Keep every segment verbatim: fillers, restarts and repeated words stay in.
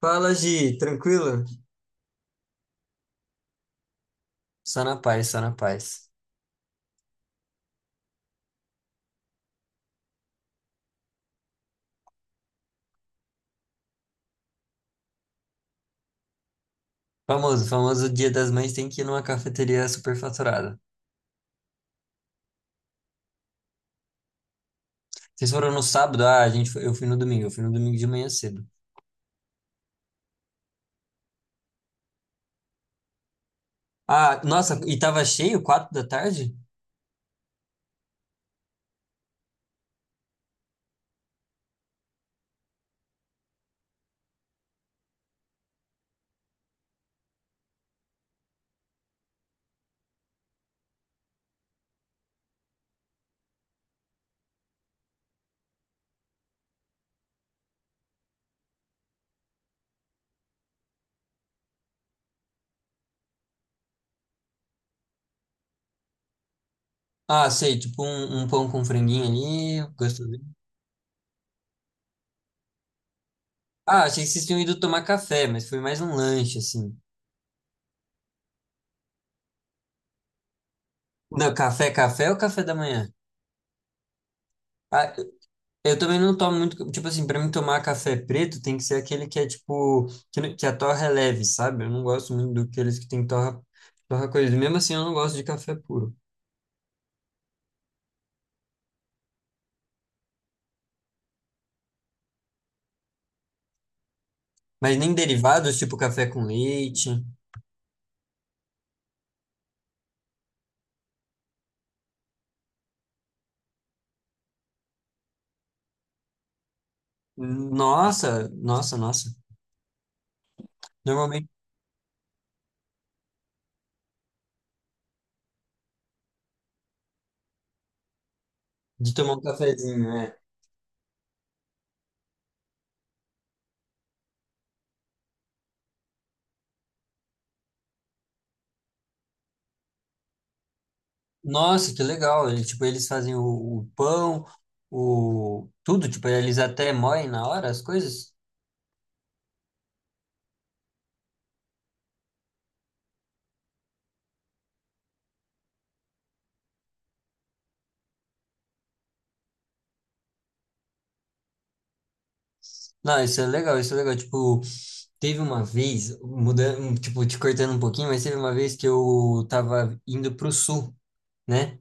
Fala, Gi, tranquilo? Só na paz, só na paz. Famoso, famoso Dia das Mães tem que ir numa cafeteria superfaturada. Vocês foram no sábado? Ah, a gente foi- eu fui no domingo, eu fui no domingo de manhã cedo. Ah, nossa, e tava cheio, quatro da tarde? Ah, sei, tipo um, um pão com franguinho ali, gostosinho. Ah, achei que vocês tinham ido tomar café, mas foi mais um lanche, assim. Não, café, café ou café da manhã? Ah, eu também não tomo muito, tipo assim, pra mim tomar café preto tem que ser aquele que é tipo, que, não- que a torra é leve, sabe? Eu não gosto muito daqueles que tem torra, torra coisa. Mesmo assim, eu não gosto de café puro. Mas nem derivados, tipo café com leite. Nossa, nossa, nossa. Normalmente de tomar um cafezinho, é. Nossa, que legal. Ele, tipo, eles fazem o, o pão, o tudo, tipo, eles até moem na hora as coisas. Não, isso é legal, isso é legal. Tipo, teve uma vez, mudando, tipo, te cortando um pouquinho, mas teve uma vez que eu tava indo pro sul, né?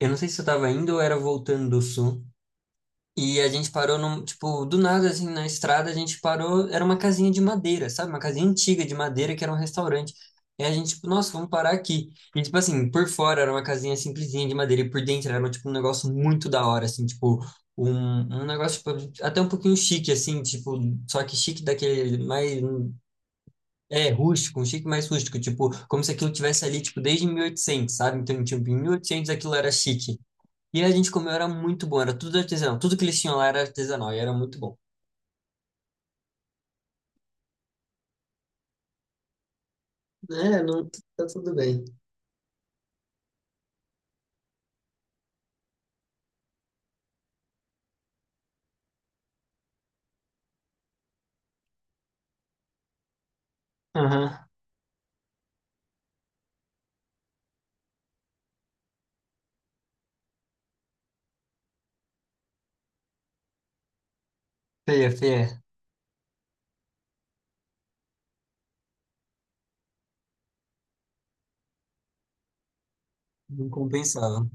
Eu não sei se eu tava indo ou era voltando do sul. E a gente parou num, tipo, do nada, assim, na estrada, a gente parou, era uma casinha de madeira, sabe? Uma casinha antiga de madeira que era um restaurante. E a gente, tipo, nossa, vamos parar aqui. E, tipo assim, por fora era uma casinha simplesinha de madeira e por dentro era, tipo, um negócio muito da hora, assim, tipo, um, um negócio, tipo, até um pouquinho chique, assim, tipo, só que chique daquele mais é, rústico, um chique mais rústico, tipo, como se aquilo tivesse ali, tipo, desde mil e oitocentos, sabe? Então, tipo, em mil e oitocentos aquilo era chique. E a gente comeu, era muito bom, era tudo artesanal. Tudo que eles tinham lá era artesanal e era muito bom. É, não, tá tudo bem. Aham. Feia, feia. Não compensava.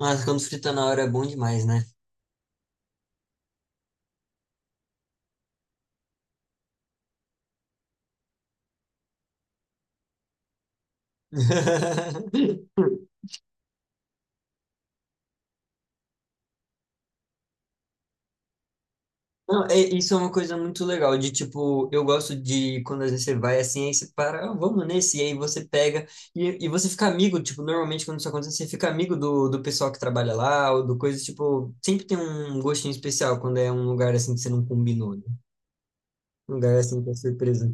Mas quando frita na hora é bom demais, né? Não, é- isso é uma coisa muito legal, de tipo, eu gosto de quando às vezes você vai assim, aí você para, "Ah, vamos nesse, e aí você pega, e, e você fica amigo, tipo, normalmente quando isso acontece, você fica amigo do, do pessoal que trabalha lá, ou do coisa, tipo, sempre tem um gostinho especial quando é um lugar assim que você não combinou, né? Um lugar assim que é surpresa.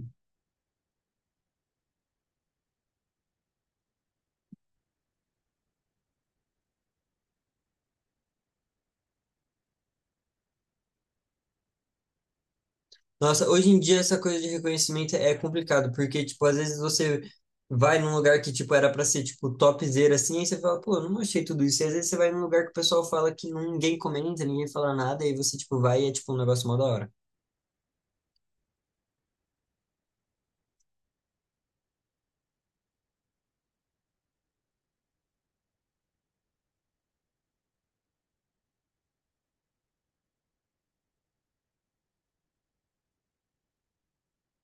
Nossa, hoje em dia essa coisa de reconhecimento é complicado, porque, tipo, às vezes você vai num lugar que, tipo, era pra ser, tipo, topzera, assim, aí você fala, pô, eu não achei tudo isso. E às vezes você vai num lugar que o pessoal fala que ninguém comenta, ninguém fala nada, e aí você, tipo, vai e é, tipo, um negócio mó da hora.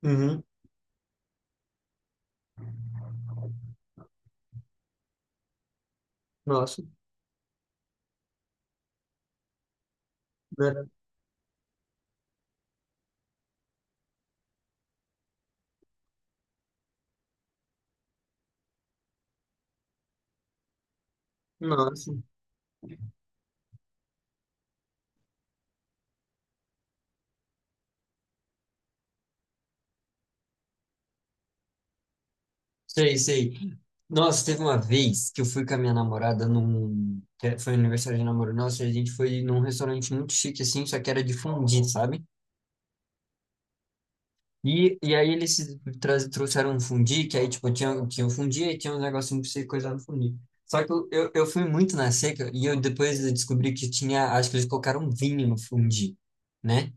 Uhum. Nossa, era- nossa. Sei, sei. Nossa, teve uma vez que eu fui com a minha namorada num... que Foi aniversário de namoro nosso, e a gente foi num restaurante muito chique, assim, só que era de fondue, sabe? E, e aí eles se tra- trouxeram um fundi, que aí, tipo, tinha, tinha um fundi e tinha um negocinho pra você coisar no fundi. Só que eu, eu, eu fui muito na seca e eu depois eu descobri que tinha, acho que eles colocaram vinho no fundi, né?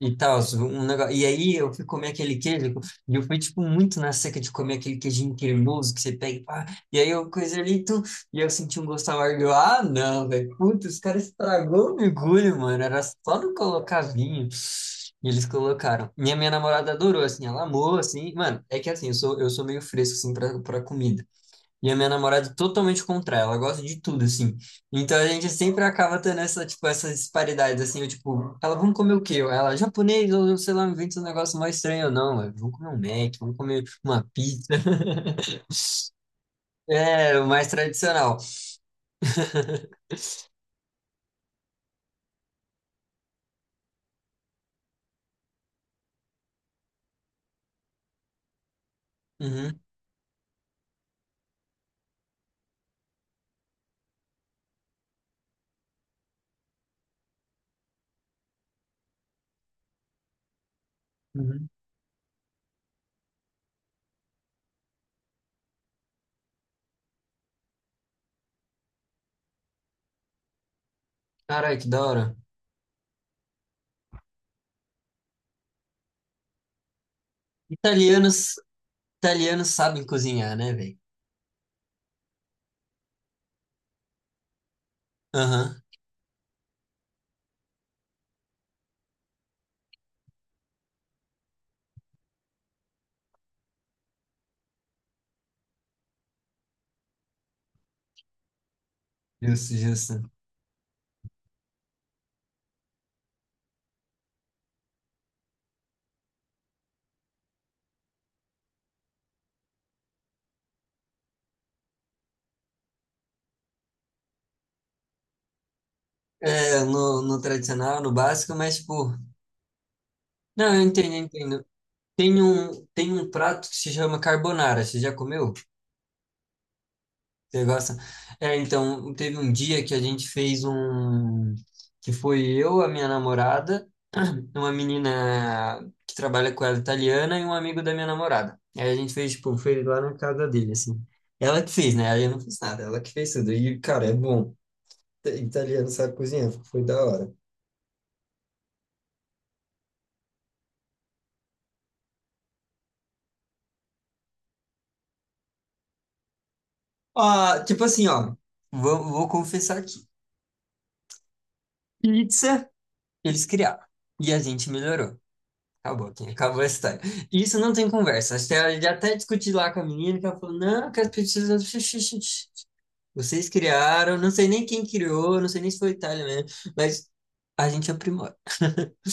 E tal, um negócio. E aí eu fui comer aquele queijo, e eu fui, tipo, muito na seca de comer aquele queijinho cremoso que você pega e pá. E aí eu coisa ali, tum, e eu senti um gosto amargo. Eu, ah, não, velho. Puta, os caras estragou o mergulho, mano. Era só não colocar vinho. E eles colocaram. Minha minha namorada adorou, assim, ela amou, assim. Mano, é que assim, eu sou, eu sou meio fresco, assim, pra, pra comida. E a minha namorada é totalmente contra ela, ela gosta de tudo, assim. Então a gente sempre acaba tendo essa, tipo, essas disparidades, assim, eu, tipo, ela, vamos comer o quê? Ela, japonês, ou sei lá, inventa um negócio mais estranho ou não, eu, vamos comer um Mac, vamos comer uma pizza. É, o mais tradicional. Uhum, uhum. Caralho, que da hora. Italianos, italianos sabem cozinhar, né, velho? Aham. Justo, justo. É, no, no tradicional, no básico, mas, tipo, não, eu entendo, eu entendo. Tem um, tem um prato que se chama carbonara. Você já comeu? Você gosta? É, então, teve um dia que a gente fez um. Que foi eu, a minha namorada, uma menina que trabalha com ela italiana e um amigo da minha namorada. Aí a gente fez, tipo, fez lá na casa dele, assim. Ela que fez, né? Aí eu não fiz nada, ela que fez tudo. E, cara, é bom. Italiano sabe cozinhar, foi da hora. Ó, tipo assim, ó. Vou, vou confessar aqui. Pizza, eles criaram. E a gente melhorou. Acabou, Kim, acabou a história. Isso não tem conversa. Acho que ela já até discutiu lá com a menina, que ela falou, não, que as pessoas... Vocês criaram, não sei nem quem criou, não sei nem se foi Itália mesmo, mas a gente aprimora.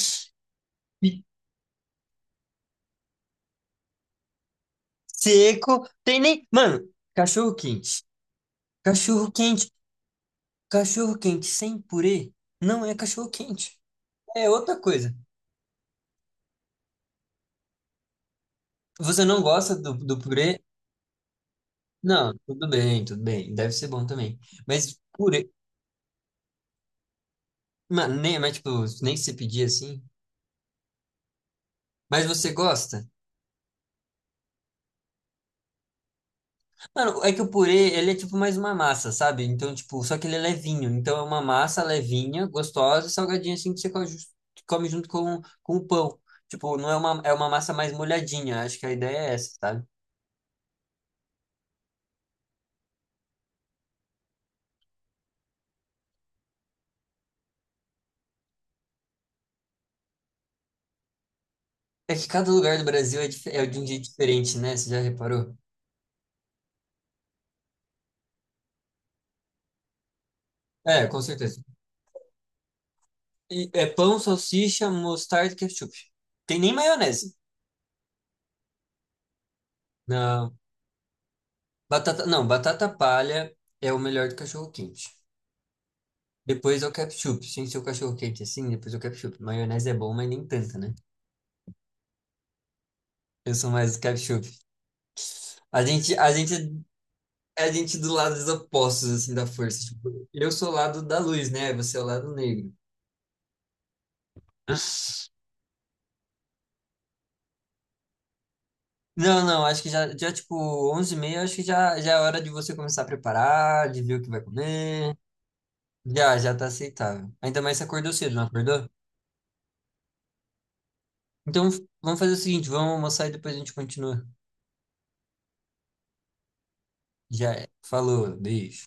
Seco, tem nem... Mano, cachorro quente. Cachorro quente, cachorro quente sem purê não é cachorro quente. É outra coisa. Você não gosta do, do purê? Não, tudo bem, tudo bem. Deve ser bom também. Mas purê... Mano, nem, mas tipo, nem se pedir assim... Mas você gosta? Mano, é que o purê, ele é tipo mais uma massa, sabe? Então, tipo, só que ele é levinho. Então, é uma massa levinha, gostosa, salgadinha, assim, que você co- jus- come junto com, com o pão. Tipo, não é uma, é uma massa mais molhadinha. Acho que a ideia é essa, sabe? É que cada lugar do Brasil é, dif- é de um jeito diferente, né? Você já reparou? É, com certeza. E é pão, salsicha, mostarda e ketchup. Tem nem maionese. Não. Batata, não, batata palha é o melhor do cachorro-quente. Depois é o ketchup. Tem que ser o cachorro quente assim, depois é o ketchup. Maionese é bom, mas nem tanta, né? Eu sou mais do ketchup. A gente, a gente, é a gente do lado dos opostos, assim, da força. Tipo, eu sou o lado da luz, né? Você é o lado negro. Não, não, acho que já, já tipo, onze e trinta acho que já, já é hora de você começar a preparar, de ver o que vai comer. Já, já tá aceitável. Ainda mais se acordou cedo, não acordou? Então, vamos fazer o seguinte, vamos almoçar e depois a gente continua. Já é. Falou, beijo.